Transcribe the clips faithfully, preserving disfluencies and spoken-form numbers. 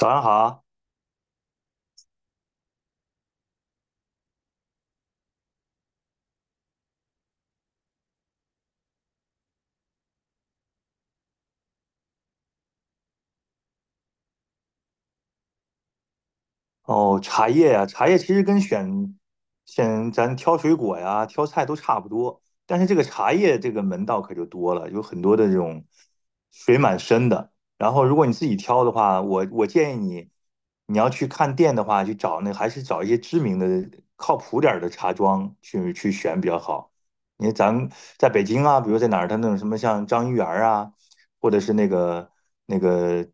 早上好。哦，茶叶呀、茶叶其实跟选选咱挑水果呀、挑菜都差不多，但是这个茶叶这个门道可就多了，有很多的这种水蛮深的。然后如果你自己挑的话，我我建议你，你要去看店的话，去找那还是找一些知名的、靠谱点儿的茶庄去去选比较好。你为咱们在北京啊，比如在哪儿，它那种什么像张一元儿啊。或者是那个那个，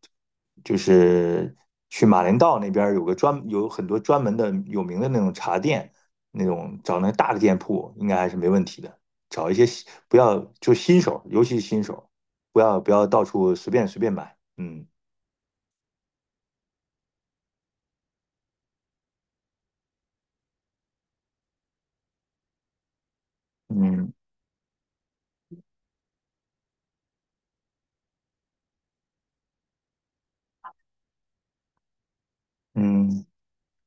就是去马连道那边有个专有很多专门的有名的那种茶店，那种找那大的店铺应该还是没问题的。找一些不要就新手，尤其是新手，不要不要到处随便随便买。嗯嗯嗯。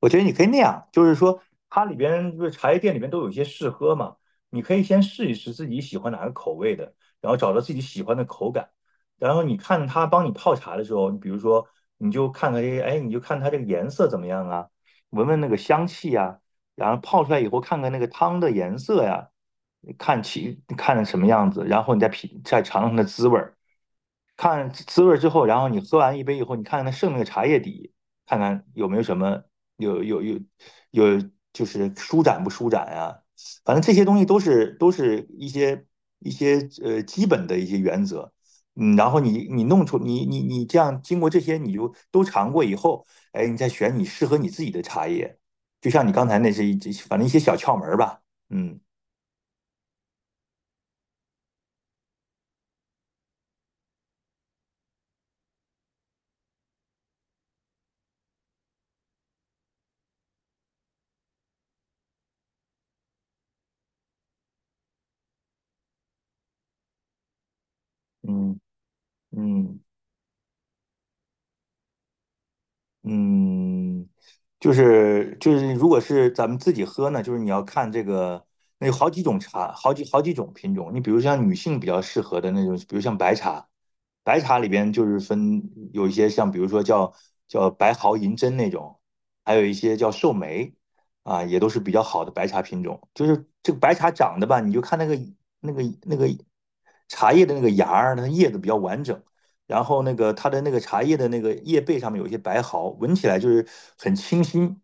我觉得你可以那样，就是说它里边不是茶叶店里面都有一些试喝嘛，你可以先试一试自己喜欢哪个口味的，然后找到自己喜欢的口感，然后你看它帮你泡茶的时候，你比如说你就看看这，哎，你就看它这个颜色怎么样啊，闻闻那个香气呀、然后泡出来以后看看那个汤的颜色呀、看起看成什么样子，然后你再品再尝尝它的滋味儿。看滋味之后，然后你喝完一杯以后，你看看它剩那个茶叶底，看看有没有什么有有有有就是舒展不舒展呀、反正这些东西都是都是一些一些呃基本的一些原则。嗯，然后你你弄出你你你这样经过这些，你就都尝过以后，哎，你再选你适合你自己的茶叶。就像你刚才那是一反正一些小窍门儿吧。嗯嗯嗯。嗯，就是就是，如果是咱们自己喝呢，就是你要看这个，那有好几种茶，好几好几种品种。你比如像女性比较适合的那种，比如像白茶，白茶里边就是分有一些像，比如说叫叫白毫银针那种，还有一些叫寿眉，啊，也都是比较好的白茶品种。就是这个白茶长得吧，你就看那个那个那个茶叶的那个芽儿，它叶子比较完整。然后那个它的那个茶叶的那个叶背上面有一些白毫，闻起来就是很清新，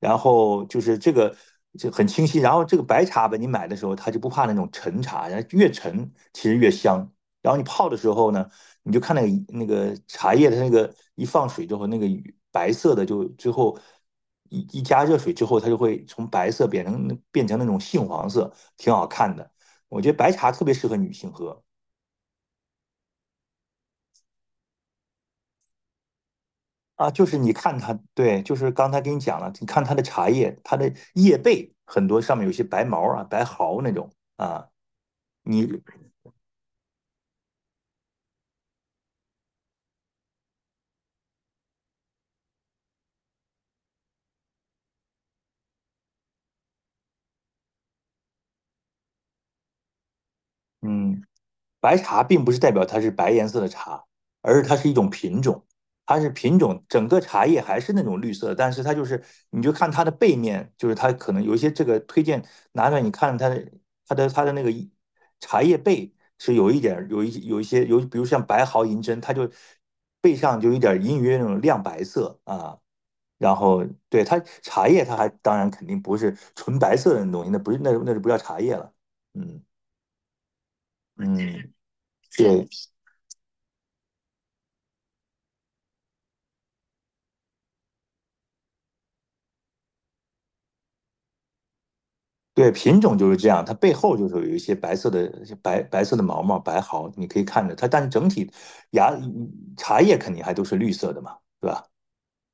然后就是这个就很清新，然后这个白茶吧，你买的时候它就不怕那种陈茶，然后越陈其实越香，然后你泡的时候呢，你就看那个那个茶叶的那个一放水之后，那个白色的就最后。一一加热水之后，它就会从白色变成变成那种杏黄色，挺好看的。我觉得白茶特别适合女性喝。啊，就是你看它，对，就是刚才给你讲了，你看它的茶叶，它的叶背很多上面有些白毛啊、白毫那种啊，你嗯，白茶并不是代表它是白颜色的茶，而是它是一种品种，它是品种，整个茶叶还是那种绿色，但是它就是你就看它的背面，就是它可能有一些这个推荐拿出来，你看它的它的它的那个茶叶背是有一点有一有一些有，比如像白毫银针，它就背上就有一点隐隐约约那种亮白色啊。然后对它茶叶，它还当然肯定不是纯白色的那种东西，那不是那那就不叫茶叶了。嗯嗯，对。对，品种就是这样，它背后就是有一些白色的白白色的毛毛白毫，你可以看着它，但是整体芽茶叶肯定还都是绿色的嘛，对吧？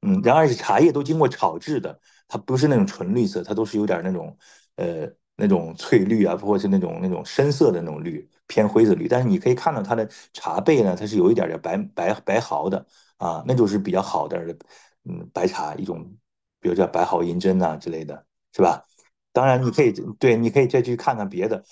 嗯，然而是茶叶都经过炒制的，它不是那种纯绿色，它都是有点那种呃那种翠绿啊，或者是那种那种深色的那种绿，偏灰色绿。但是你可以看到它的茶背呢，它是有一点点白白白毫的啊，那就是比较好点的，嗯，白茶一种，比如叫白毫银针呐、之类的，是吧？当然你可以对，你可以再去看看别的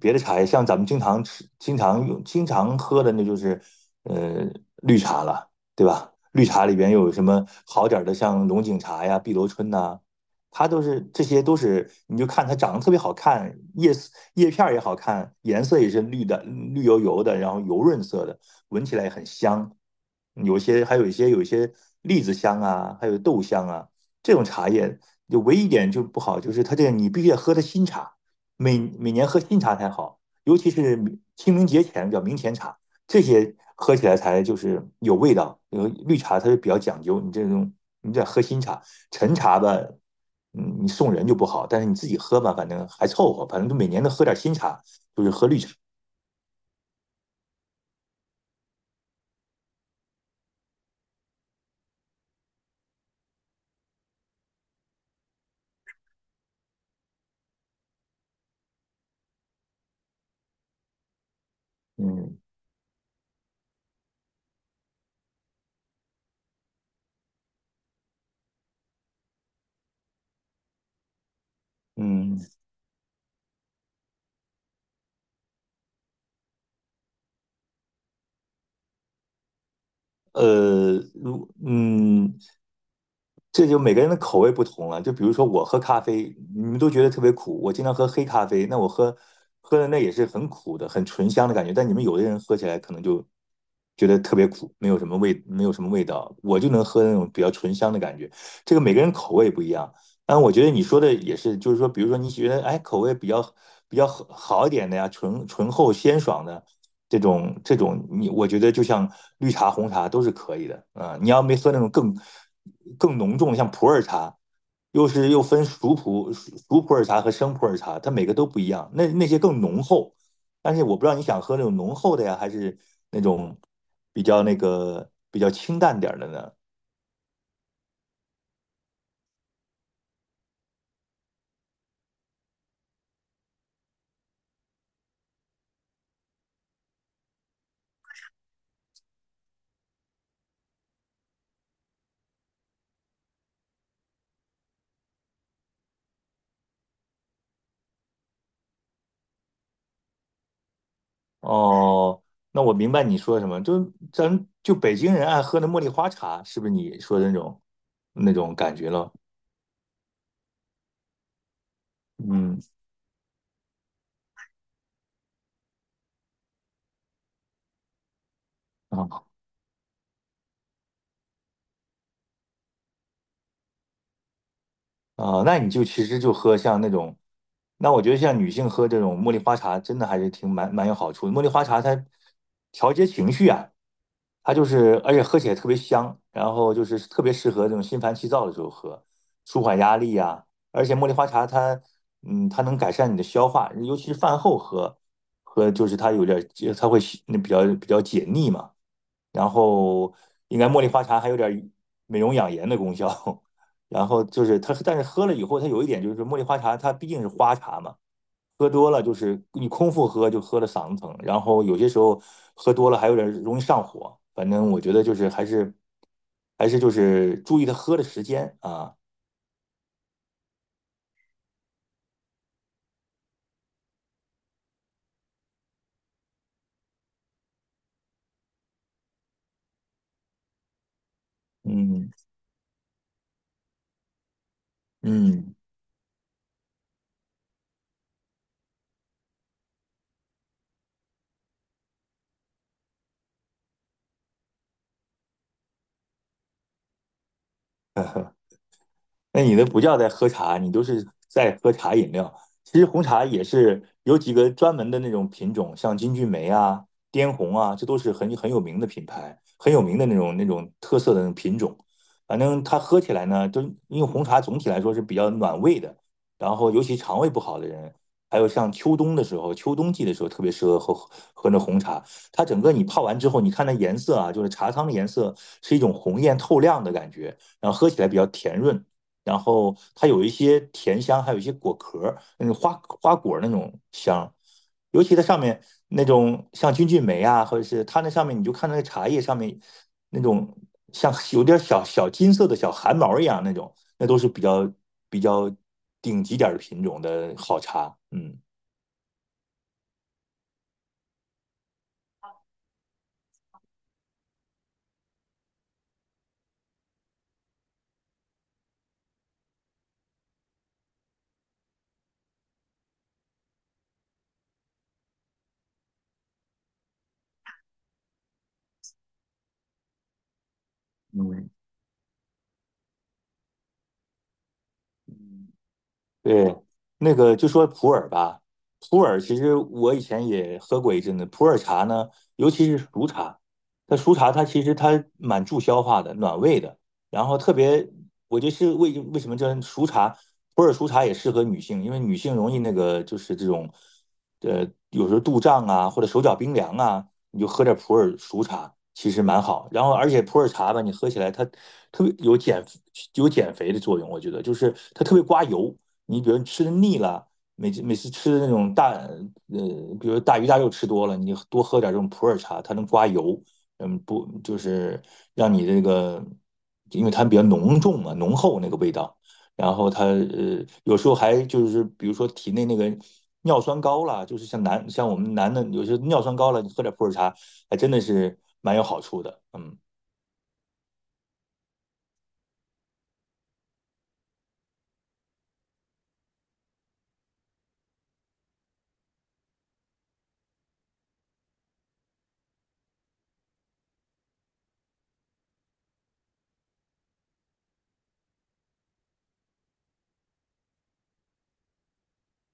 别的茶叶，像咱们经常吃、经常用、经常喝的，那就是呃绿茶了。对吧？绿茶里边又有什么好点儿的，像龙井茶呀、碧螺春呐、它都是这些都是，你就看它长得特别好看，叶丝叶片儿也好看，颜色也是绿的，绿油油的，然后油润色的，闻起来也很香。有些还有一些有一些栗子香啊，还有豆香啊，这种茶叶就唯一一点就不好，就是它这个你必须得喝的新茶，每每年喝新茶才好，尤其是清明节前叫明前茶。这些喝起来才就是有味道。因为绿茶它是比较讲究，你这种你在喝新茶，陈茶吧，嗯，你送人就不好，但是你自己喝吧，反正还凑合，反正就每年都喝点新茶，就是喝绿茶。嗯嗯，呃，如嗯，这就每个人的口味不同了。就比如说我喝咖啡，你们都觉得特别苦，我经常喝黑咖啡，那我喝喝的那也是很苦的，很醇香的感觉。但你们有的人喝起来可能就觉得特别苦，没有什么味，没有什么味道。我就能喝那种比较醇香的感觉。这个每个人口味不一样。但我觉得你说的也是，就是说，比如说你觉得哎口味比较比较好好一点的呀，醇醇厚鲜爽的，这种这种你，我觉得就像绿茶、红茶都是可以的啊、呃你要没喝那种更更浓重的，像普洱茶，又是又分熟普熟普洱茶和生普洱茶，它每个都不一样。那那些更浓厚，但是我不知道你想喝那种浓厚的呀，还是那种比较那个比较清淡点儿的呢？哦，那我明白你说什么，就咱就北京人爱喝的茉莉花茶，是不是你说的那种那种感觉了？嗯啊。啊、那你就其实就喝像那种，那我觉得像女性喝这种茉莉花茶，真的还是挺蛮蛮有好处的。茉莉花茶它调节情绪啊，它就是而且喝起来特别香，然后就是特别适合这种心烦气躁的时候喝，舒缓压力啊。而且茉莉花茶它，嗯，它能改善你的消化，尤其是饭后喝，喝就是它有点儿它会那比较比较解腻嘛。然后应该茉莉花茶还有点美容养颜的功效。然后就是它，但是喝了以后，它有一点就是茉莉花茶，它毕竟是花茶嘛，喝多了就是你空腹喝就喝了嗓子疼，然后有些时候喝多了还有点容易上火。反正我觉得就是还是还是就是注意它喝的时间啊，嗯嗯。那你那不叫在喝茶，你都是在喝茶饮料。其实红茶也是有几个专门的那种品种，像金骏眉啊、滇红啊，这都是很很有名的品牌，很有名的那种那种特色的那种品种。反正它喝起来呢，就因为红茶总体来说是比较暖胃的，然后尤其肠胃不好的人，还有像秋冬的时候，秋冬季的时候特别适合喝喝那红茶。它整个你泡完之后，你看那颜色啊，就是茶汤的颜色是一种红艳透亮的感觉，然后喝起来比较甜润。然后它有一些甜香，还有一些果壳儿那种花花果那种香，尤其它上面那种像金骏眉啊，或者是它那上面，你就看那个茶叶上面那种像有点小小金色的小汗毛一样那种，那都是比较比较顶级点儿的品种的好茶，嗯。嗯，对，那个就说普洱吧，普洱其实我以前也喝过一阵子。普洱茶呢，尤其是熟茶，它熟茶它其实它蛮助消化的，暖胃的。然后特别，我觉得是为为什么叫熟茶，普洱熟茶也适合女性，因为女性容易那个就是这种，呃，有时候肚胀啊或者手脚冰凉啊，你就喝点普洱熟茶，其实蛮好。然后而且普洱茶吧，你喝起来它特别有减有减肥的作用，我觉得就是它特别刮油。你比如你吃的腻了，每次每次吃的那种大呃，比如大鱼大肉吃多了，你多喝点这种普洱茶，它能刮油，嗯，不就是让你这个，因为它比较浓重嘛，浓厚那个味道。然后它呃，有时候还就是比如说体内那个尿酸高了，就是像男像我们男的有些尿酸高了，你喝点普洱茶，还真的是蛮有好处的。嗯，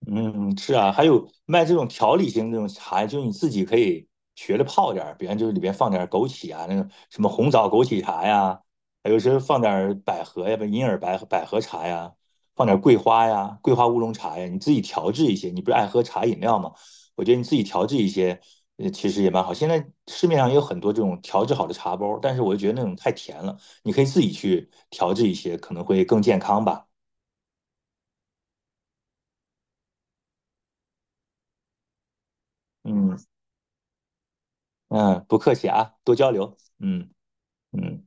嗯，是啊，还有卖这种调理型这种茶，就你自己可以学着泡点儿，比方就是里边放点儿枸杞啊，那个什么红枣枸杞茶呀，还有时候放点儿百合呀，不银耳百合百合茶呀，放点儿桂花呀，桂花乌龙茶呀，你自己调制一些。你不是爱喝茶饮料吗？我觉得你自己调制一些，呃，其实也蛮好。现在市面上也有很多这种调制好的茶包儿，但是我就觉得那种太甜了，你可以自己去调制一些，可能会更健康吧。嗯嗯，不客气啊，多交流。嗯。嗯。